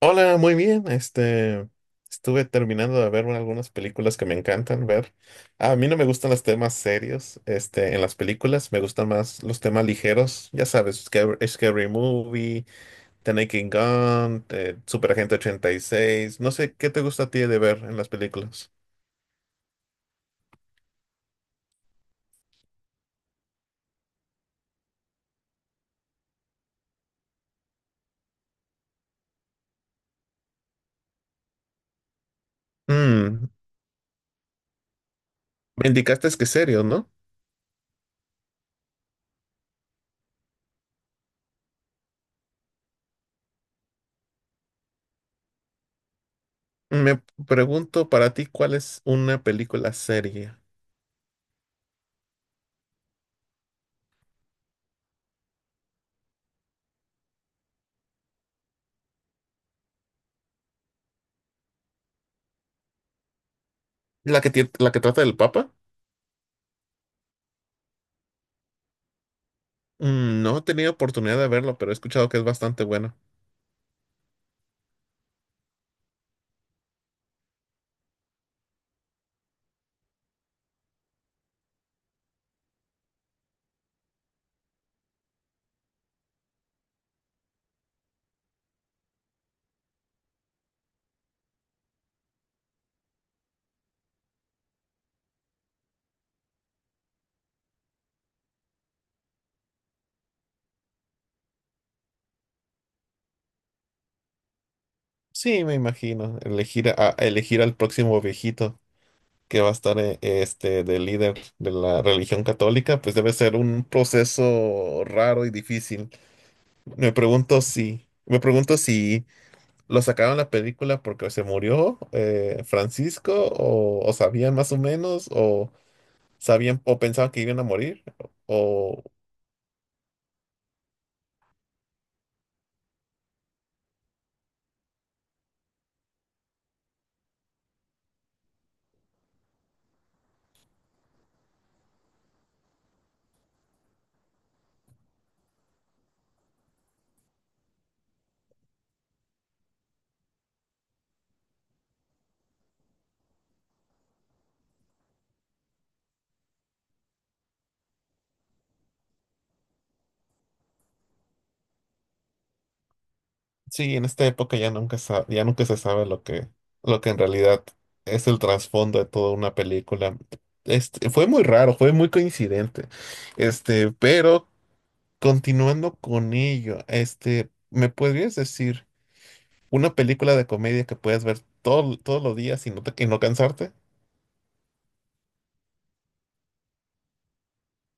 Hola, muy bien. Estuve terminando de ver algunas películas que me encantan ver. A mí no me gustan los temas serios, este, en las películas. Me gustan más los temas ligeros. Ya sabes, Scary Movie, The Naked Gun, Super Agente 86. No sé, ¿qué te gusta a ti de ver en las películas? Mm, me indicaste que serio, ¿no? Me pregunto para ti, ¿cuál es una película seria? ¿La que, la que trata del Papa? Mm, no he tenido oportunidad de verlo, pero he escuchado que es bastante bueno. Sí, me imagino. Elegir a elegir al próximo viejito que va a estar de líder de la religión católica, pues debe ser un proceso raro y difícil. Me pregunto si lo sacaron la película porque se murió Francisco, o sabían más o menos, o sabían, o pensaban que iban a morir. Sí, en esta época ya nunca sa- ya nunca se sabe lo que en realidad es el trasfondo de toda una película. Este, fue muy raro, fue muy coincidente. Pero continuando con ello, este, ¿me podrías decir una película de comedia que puedas ver todos los días y no cansarte?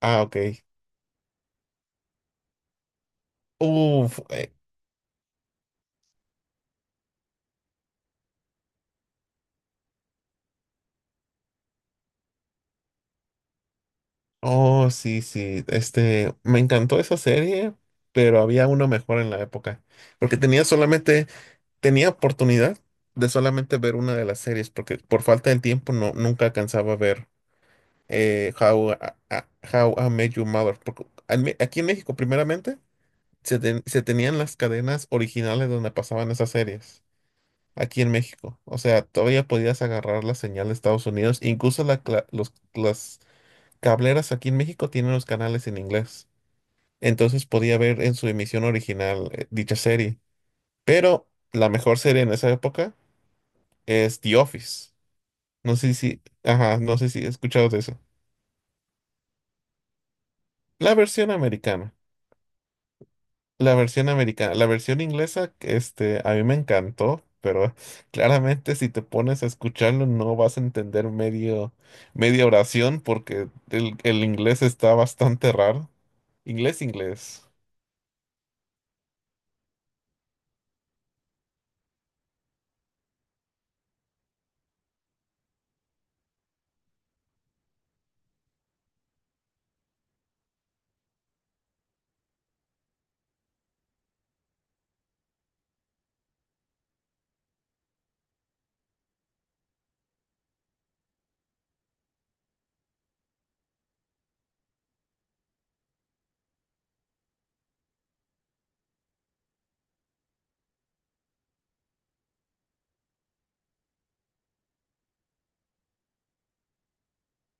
Ah, ok. Uf, oh, sí, sí. Este, me encantó esa serie, pero había uno mejor en la época. Porque tenía oportunidad de solamente ver una de las series, porque por falta de tiempo no, nunca alcanzaba a ver eh, How, a- a- How I Met Your Mother. Porque en aquí en México, primeramente, se tenían las cadenas originales donde pasaban esas series. Aquí en México. O sea, todavía podías agarrar la señal de Estados Unidos. Incluso las cableras aquí en México tienen los canales en inglés. Entonces podía ver en su emisión original dicha serie. Pero la mejor serie en esa época es The Office. No sé si, ajá, no sé si he escuchado de eso. La versión americana, la versión americana, la versión inglesa, este, a mí me encantó, pero claramente si te pones a escucharlo no vas a entender media oración porque el inglés está bastante raro. Inglés, inglés.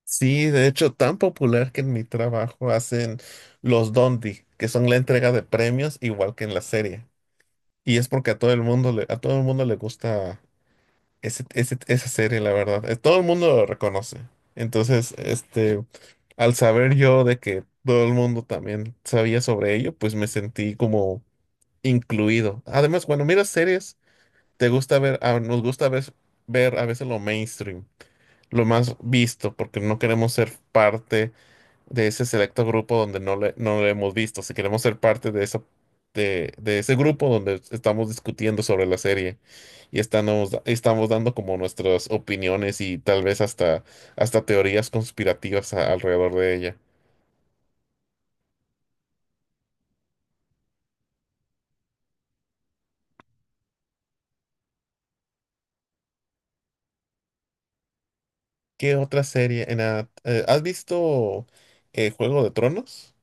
Sí, de hecho, tan popular que en mi trabajo hacen los Dondi, que son la entrega de premios igual que en la serie. Y es porque a todo el mundo le gusta esa serie, la verdad, todo el mundo lo reconoce. Entonces, este, al saber yo de que todo el mundo también sabía sobre ello, pues me sentí como incluido. Además, cuando miras series, te gusta ver, ah, nos gusta a veces ver a veces lo mainstream, lo más visto, porque no queremos ser parte de ese selecto grupo donde no lo hemos visto. Si queremos ser parte de ese grupo donde estamos discutiendo sobre la serie y estamos dando como nuestras opiniones y tal vez hasta, hasta teorías conspirativas alrededor de ella. ¿Qué otra serie? ¿Has visto Juego de Tronos?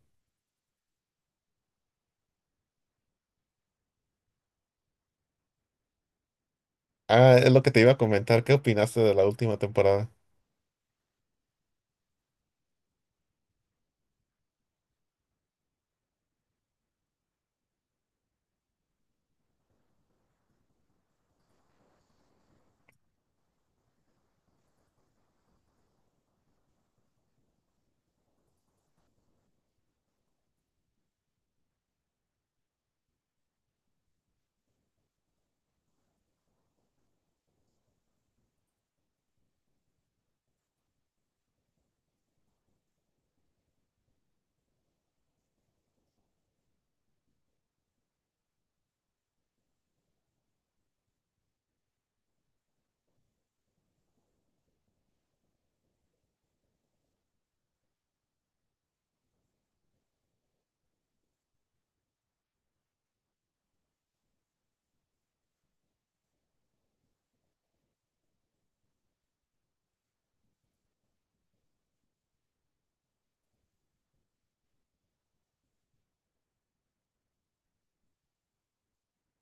Ah, es lo que te iba a comentar. ¿Qué opinaste de la última temporada?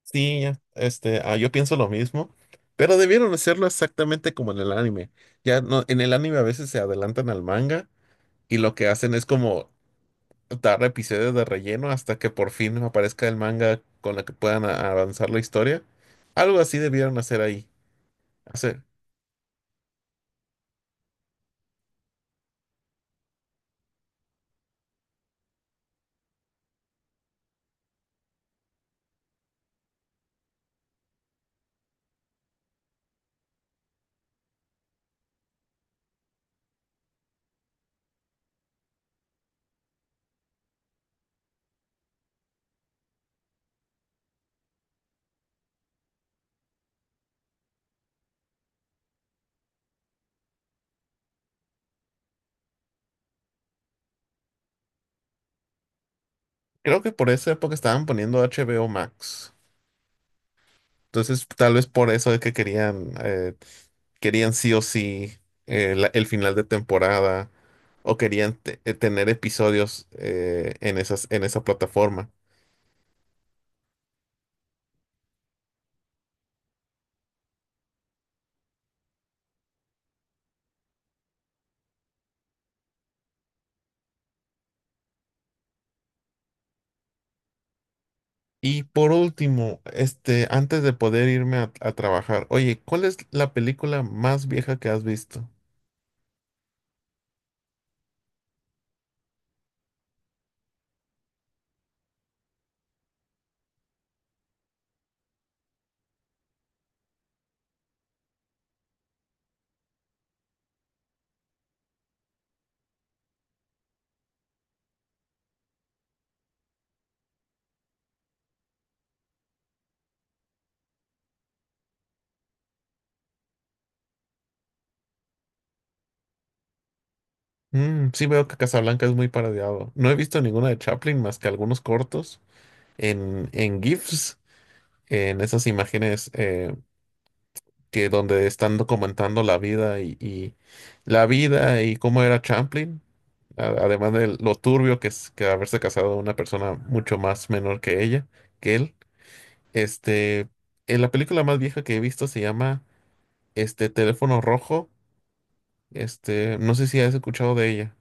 Sí, ya, este, ah, yo pienso lo mismo, pero debieron hacerlo exactamente como en el anime. Ya no, en el anime a veces se adelantan al manga y lo que hacen es como dar episodios de relleno hasta que por fin aparezca el manga con la que puedan avanzar la historia. Algo así debieron hacer ahí. Hacer, creo que por esa época estaban poniendo HBO Max. Entonces, tal vez por eso es que querían, querían sí o sí el final de temporada o querían tener episodios en esa plataforma. Y por último, este, antes de poder irme a trabajar, oye, ¿cuál es la película más vieja que has visto? Mm, sí veo que Casablanca es muy parodiado. No he visto ninguna de Chaplin más que algunos cortos en GIFs, en esas imágenes que donde están documentando la vida y la vida y cómo era Champlin, además de lo turbio que es que haberse casado una persona mucho más menor que él. Este, en la película más vieja que he visto se llama este Teléfono Rojo. Este, no sé si has escuchado de ella.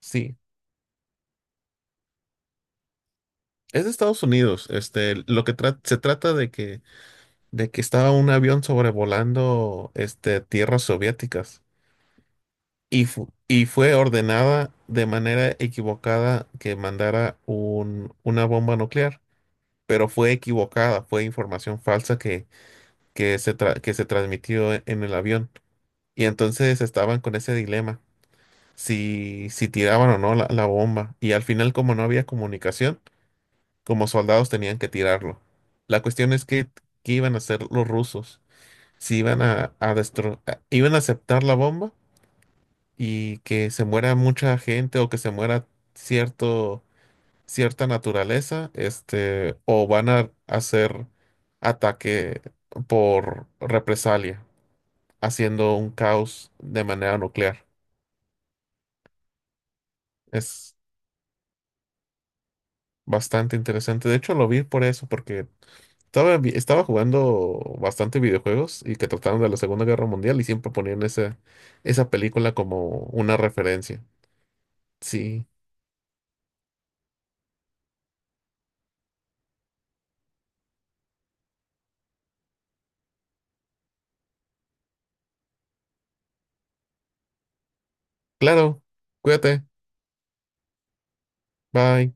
Sí, es de Estados Unidos. Este, lo que se trata de que estaba un avión sobrevolando este tierras soviéticas. Y, fue ordenada de manera equivocada que mandara una bomba nuclear, pero fue equivocada, fue información falsa que se transmitió en el avión. Y entonces estaban con ese dilema, si, si tiraban o no la, la bomba. Y al final, como no había comunicación, como soldados tenían que tirarlo. La cuestión es que, qué iban a hacer los rusos, si iban a, iban a aceptar la bomba y que se muera mucha gente o que se muera cierto, cierta naturaleza, este, o van a hacer ataque por represalia, haciendo un caos de manera nuclear. Es bastante interesante. De hecho, lo vi por eso, porque estaba jugando bastante videojuegos y que trataron de la Segunda Guerra Mundial y siempre ponían esa, esa película como una referencia. Sí, claro. Cuídate. Bye.